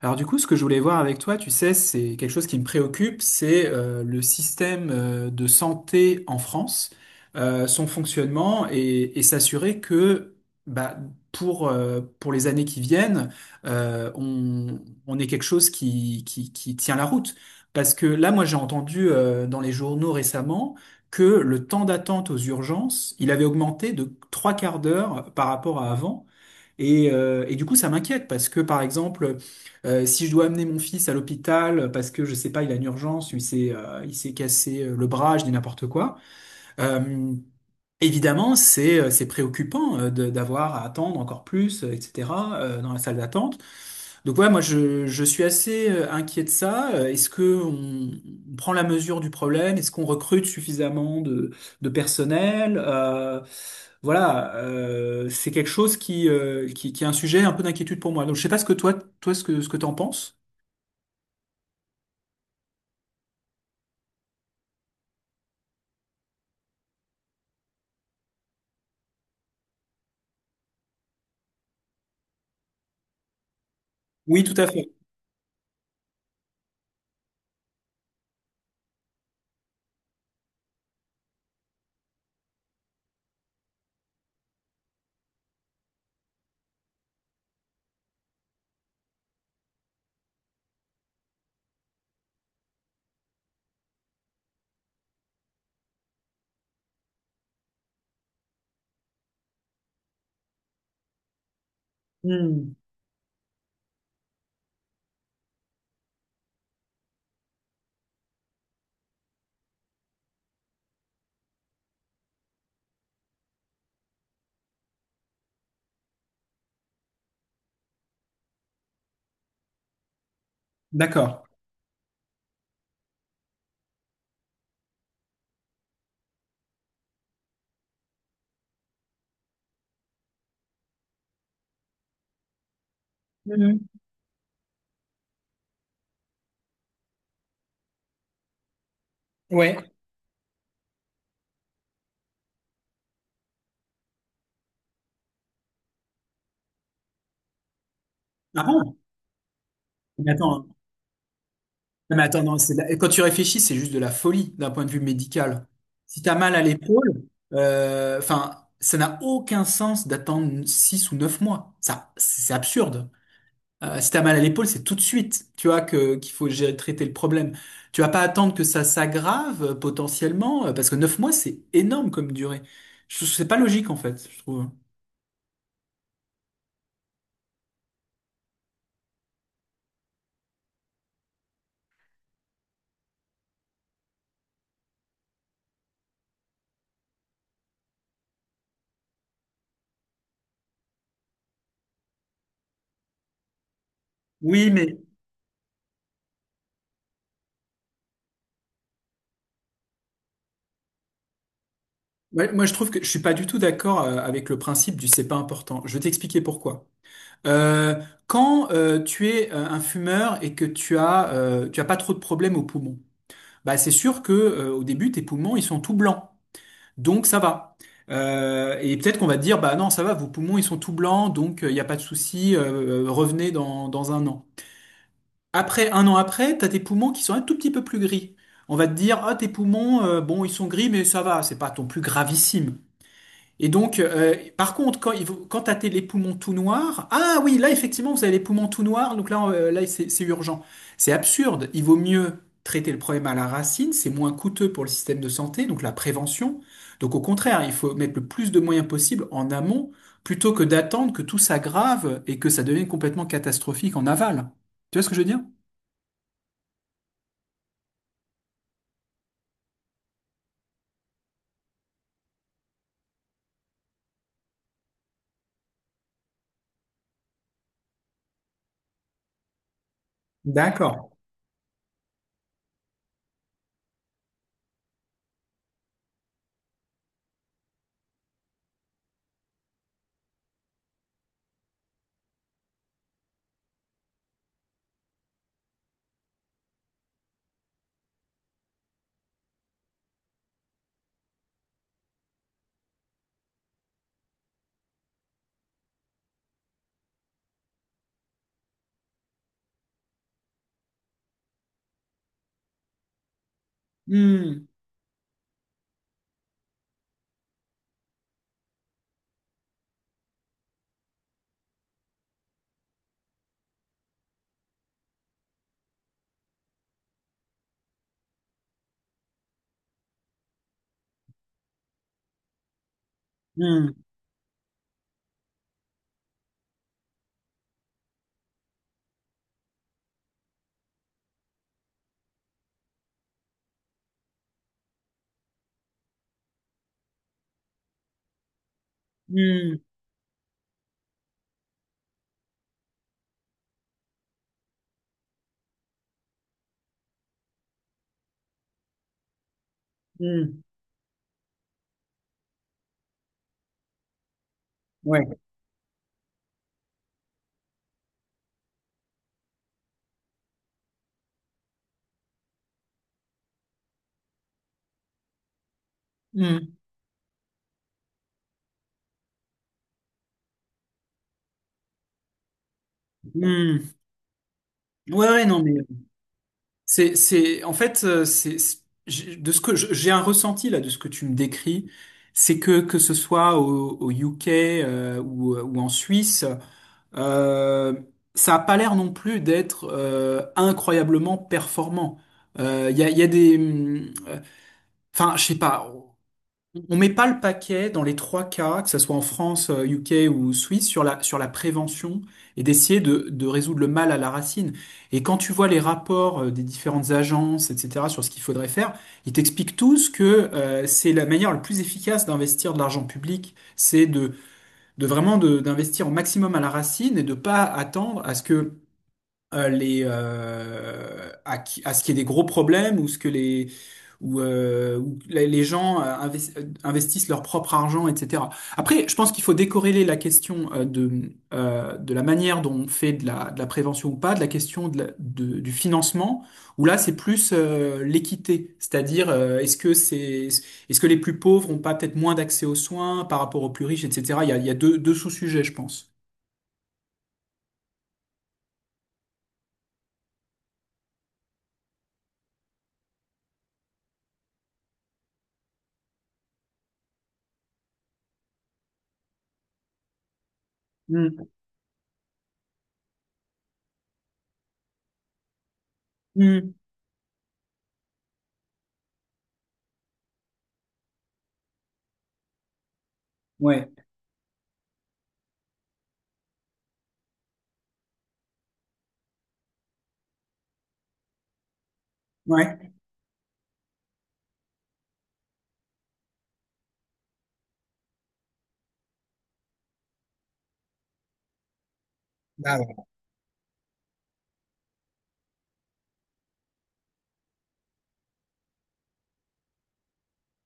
Alors du coup, ce que je voulais voir avec toi, tu sais, c'est quelque chose qui me préoccupe, c'est le système de santé en France, son fonctionnement et s'assurer que bah, pour les années qui viennent, euh, on, on ait quelque chose qui tient la route. Parce que là, moi, j'ai entendu dans les journaux récemment que le temps d'attente aux urgences, il avait augmenté de trois quarts d'heure par rapport à avant. Et du coup, ça m'inquiète parce que, par exemple, si je dois amener mon fils à l'hôpital parce que je sais pas, il a une urgence, ou il s'est cassé le bras, je dis n'importe quoi. euh, Évidemment, c'est préoccupant d'avoir à attendre encore plus, etc. Dans la salle d'attente. Donc ouais, moi je suis assez inquiet de ça. Est-ce que on prend la mesure du problème? Est-ce qu'on recrute suffisamment de personnel? Voilà, c'est quelque chose qui est un sujet un peu d'inquiétude pour moi. Donc je sais pas ce que toi ce que t'en penses. Oui, tout à fait. Hmm, d'accord. Mhm. Ouais. Ah bon? Mais attends, mais attends, non, c'est quand tu réfléchis, c'est juste de la folie d'un point de vue médical. Si t'as mal à l'épaule, enfin, ça n'a aucun sens d'attendre 6 ou 9 mois. Ça, c'est absurde. Si t'as mal à l'épaule, c'est tout de suite, tu vois, que qu'il faut traiter le problème. Tu vas pas attendre que ça s'aggrave potentiellement, parce que 9 mois, c'est énorme comme durée. C'est pas logique, en fait, je trouve. Oui, mais ouais, moi, je trouve que je suis pas du tout d'accord avec le principe du c'est pas important. Je vais t'expliquer pourquoi. Euh, Quand tu es un fumeur et que tu as pas trop de problèmes aux poumons, bah c'est sûr que au début tes poumons ils sont tout blancs, donc ça va. Et peut-être qu'on va te dire bah non ça va, vos poumons ils sont tout blancs, donc il n'y a pas de souci, revenez dans un an. Après un an après, t'as tes poumons qui sont un tout petit peu plus gris. On va te dire, ah, tes poumons, bon, ils sont gris, mais ça va, c'est pas ton plus gravissime. Et donc, par contre, quand t'as les poumons tout noirs, ah oui, là effectivement, vous avez les poumons tout noirs, donc là c'est urgent. C'est absurde. Il vaut mieux traiter le problème à la racine, c'est moins coûteux pour le système de santé, donc la prévention. Donc au contraire, il faut mettre le plus de moyens possible en amont, plutôt que d'attendre que tout s'aggrave et que ça devienne complètement catastrophique en aval. Tu vois ce que je veux dire? D'accord. Hmm, hmm, hmm, hmm. Ouais. Hmm, hmm. Ouais, ouais, non mais. En fait, de ce que j'ai un ressenti là de ce que tu me décris, c'est que ce soit au UK, ou, en Suisse, euh, ça a pas l'air non plus d'être incroyablement performant. Il y a des, enfin, je sais pas. On met pas le paquet dans les trois cas, que ce soit en France, UK ou Suisse, sur la prévention et d'essayer de résoudre le mal à la racine. Et quand tu vois les rapports des différentes agences, etc., sur ce qu'il faudrait faire, ils t'expliquent tous que c'est la manière la plus efficace d'investir de l'argent public, c'est de vraiment d'investir au maximum à la racine et de pas attendre à ce que à ce qu'il y ait des gros problèmes ou ce que les ou que les gens investissent leur propre argent, etc. Après, je pense qu'il faut décorréler la question de la manière dont on fait de la prévention ou pas, de la question du financement, où là, c'est plus l'équité, c'est-à-dire est-ce que les plus pauvres ont pas peut-être moins d'accès aux soins par rapport aux plus riches, etc. Il y a deux, deux sous-sujets, je pense. Mm. Mm. Ouais, ouais. Ah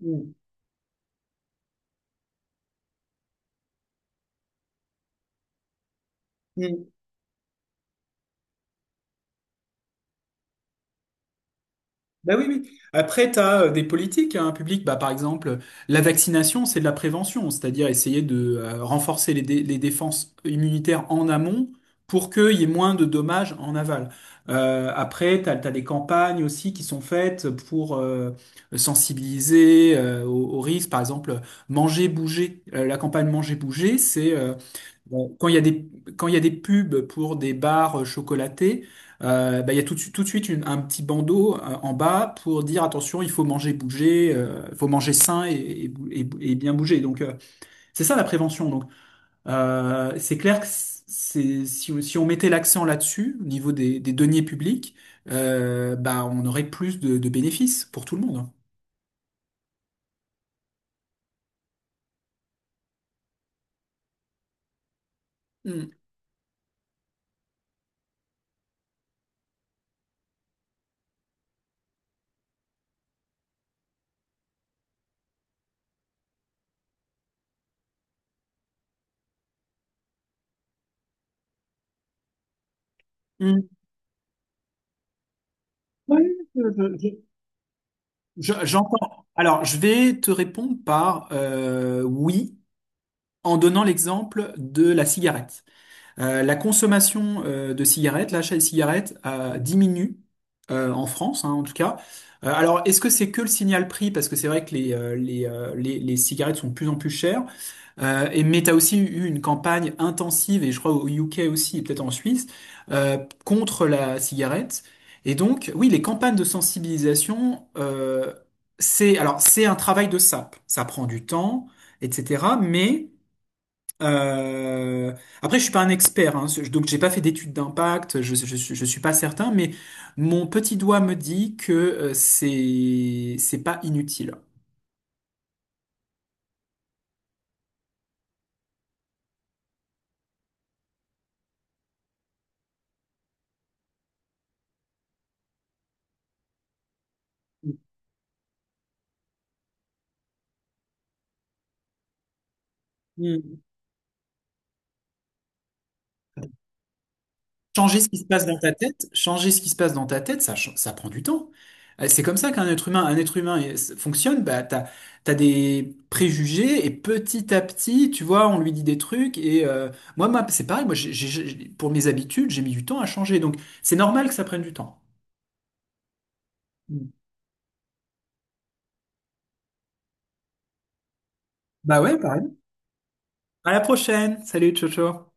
ouais. Mm. Bah oui, oui. Après, tu as des politiques, hein, publiques. Bah, par exemple, la vaccination, c'est de la prévention, c'est-à-dire essayer de renforcer les défenses immunitaires en amont pour qu'il y ait moins de dommages en aval. Après, tu as, des campagnes aussi qui sont faites pour sensibiliser aux risques. Par exemple, manger, bouger. La campagne manger, bouger, c'est. Bon, quand il y a des pubs pour des barres chocolatés, bah, il y a tout de suite un petit bandeau en bas pour dire attention, il faut manger, bouger, il faut manger sain et bien bouger. Donc c'est ça la prévention. Donc c'est clair que c'est si on mettait l'accent là-dessus au niveau des deniers publics, bah on aurait plus de bénéfices pour tout le monde. Mm. Mm. Oui, je- je- je- j'entends. Alors, je vais te répondre par oui, en donnant l'exemple de la cigarette. La consommation de cigarettes, l'achat de cigarettes diminue en France, hein, en tout cas. Alors, est-ce que c'est que le signal prix? Parce que c'est vrai que les cigarettes sont de plus en plus chères. Et, mais tu as aussi eu une campagne intensive, et je crois au UK aussi, et peut-être en Suisse, euh, contre la cigarette. Et donc, oui, les campagnes de sensibilisation, c'est alors c'est un travail de sape. Ça prend du temps, etc. Mais euh, Après, je suis pas un expert, hein, donc j'ai pas fait d'études d'impact, je suis pas certain, mais mon petit doigt me dit que c'est pas inutile. Hmm. Changer ce qui se passe dans ta tête, changer ce qui se passe dans ta tête, ça prend du temps. C'est comme ça qu'un être humain, un être humain fonctionne. Bah, t'as des préjugés et petit à petit, tu vois, on lui dit des trucs. Et moi, c'est pareil. Moi, pour mes habitudes, j'ai mis du temps à changer. Donc, c'est normal que ça prenne du temps. Hmm. Bah ouais, pareil. À la prochaine. Salut, ciao, ciao.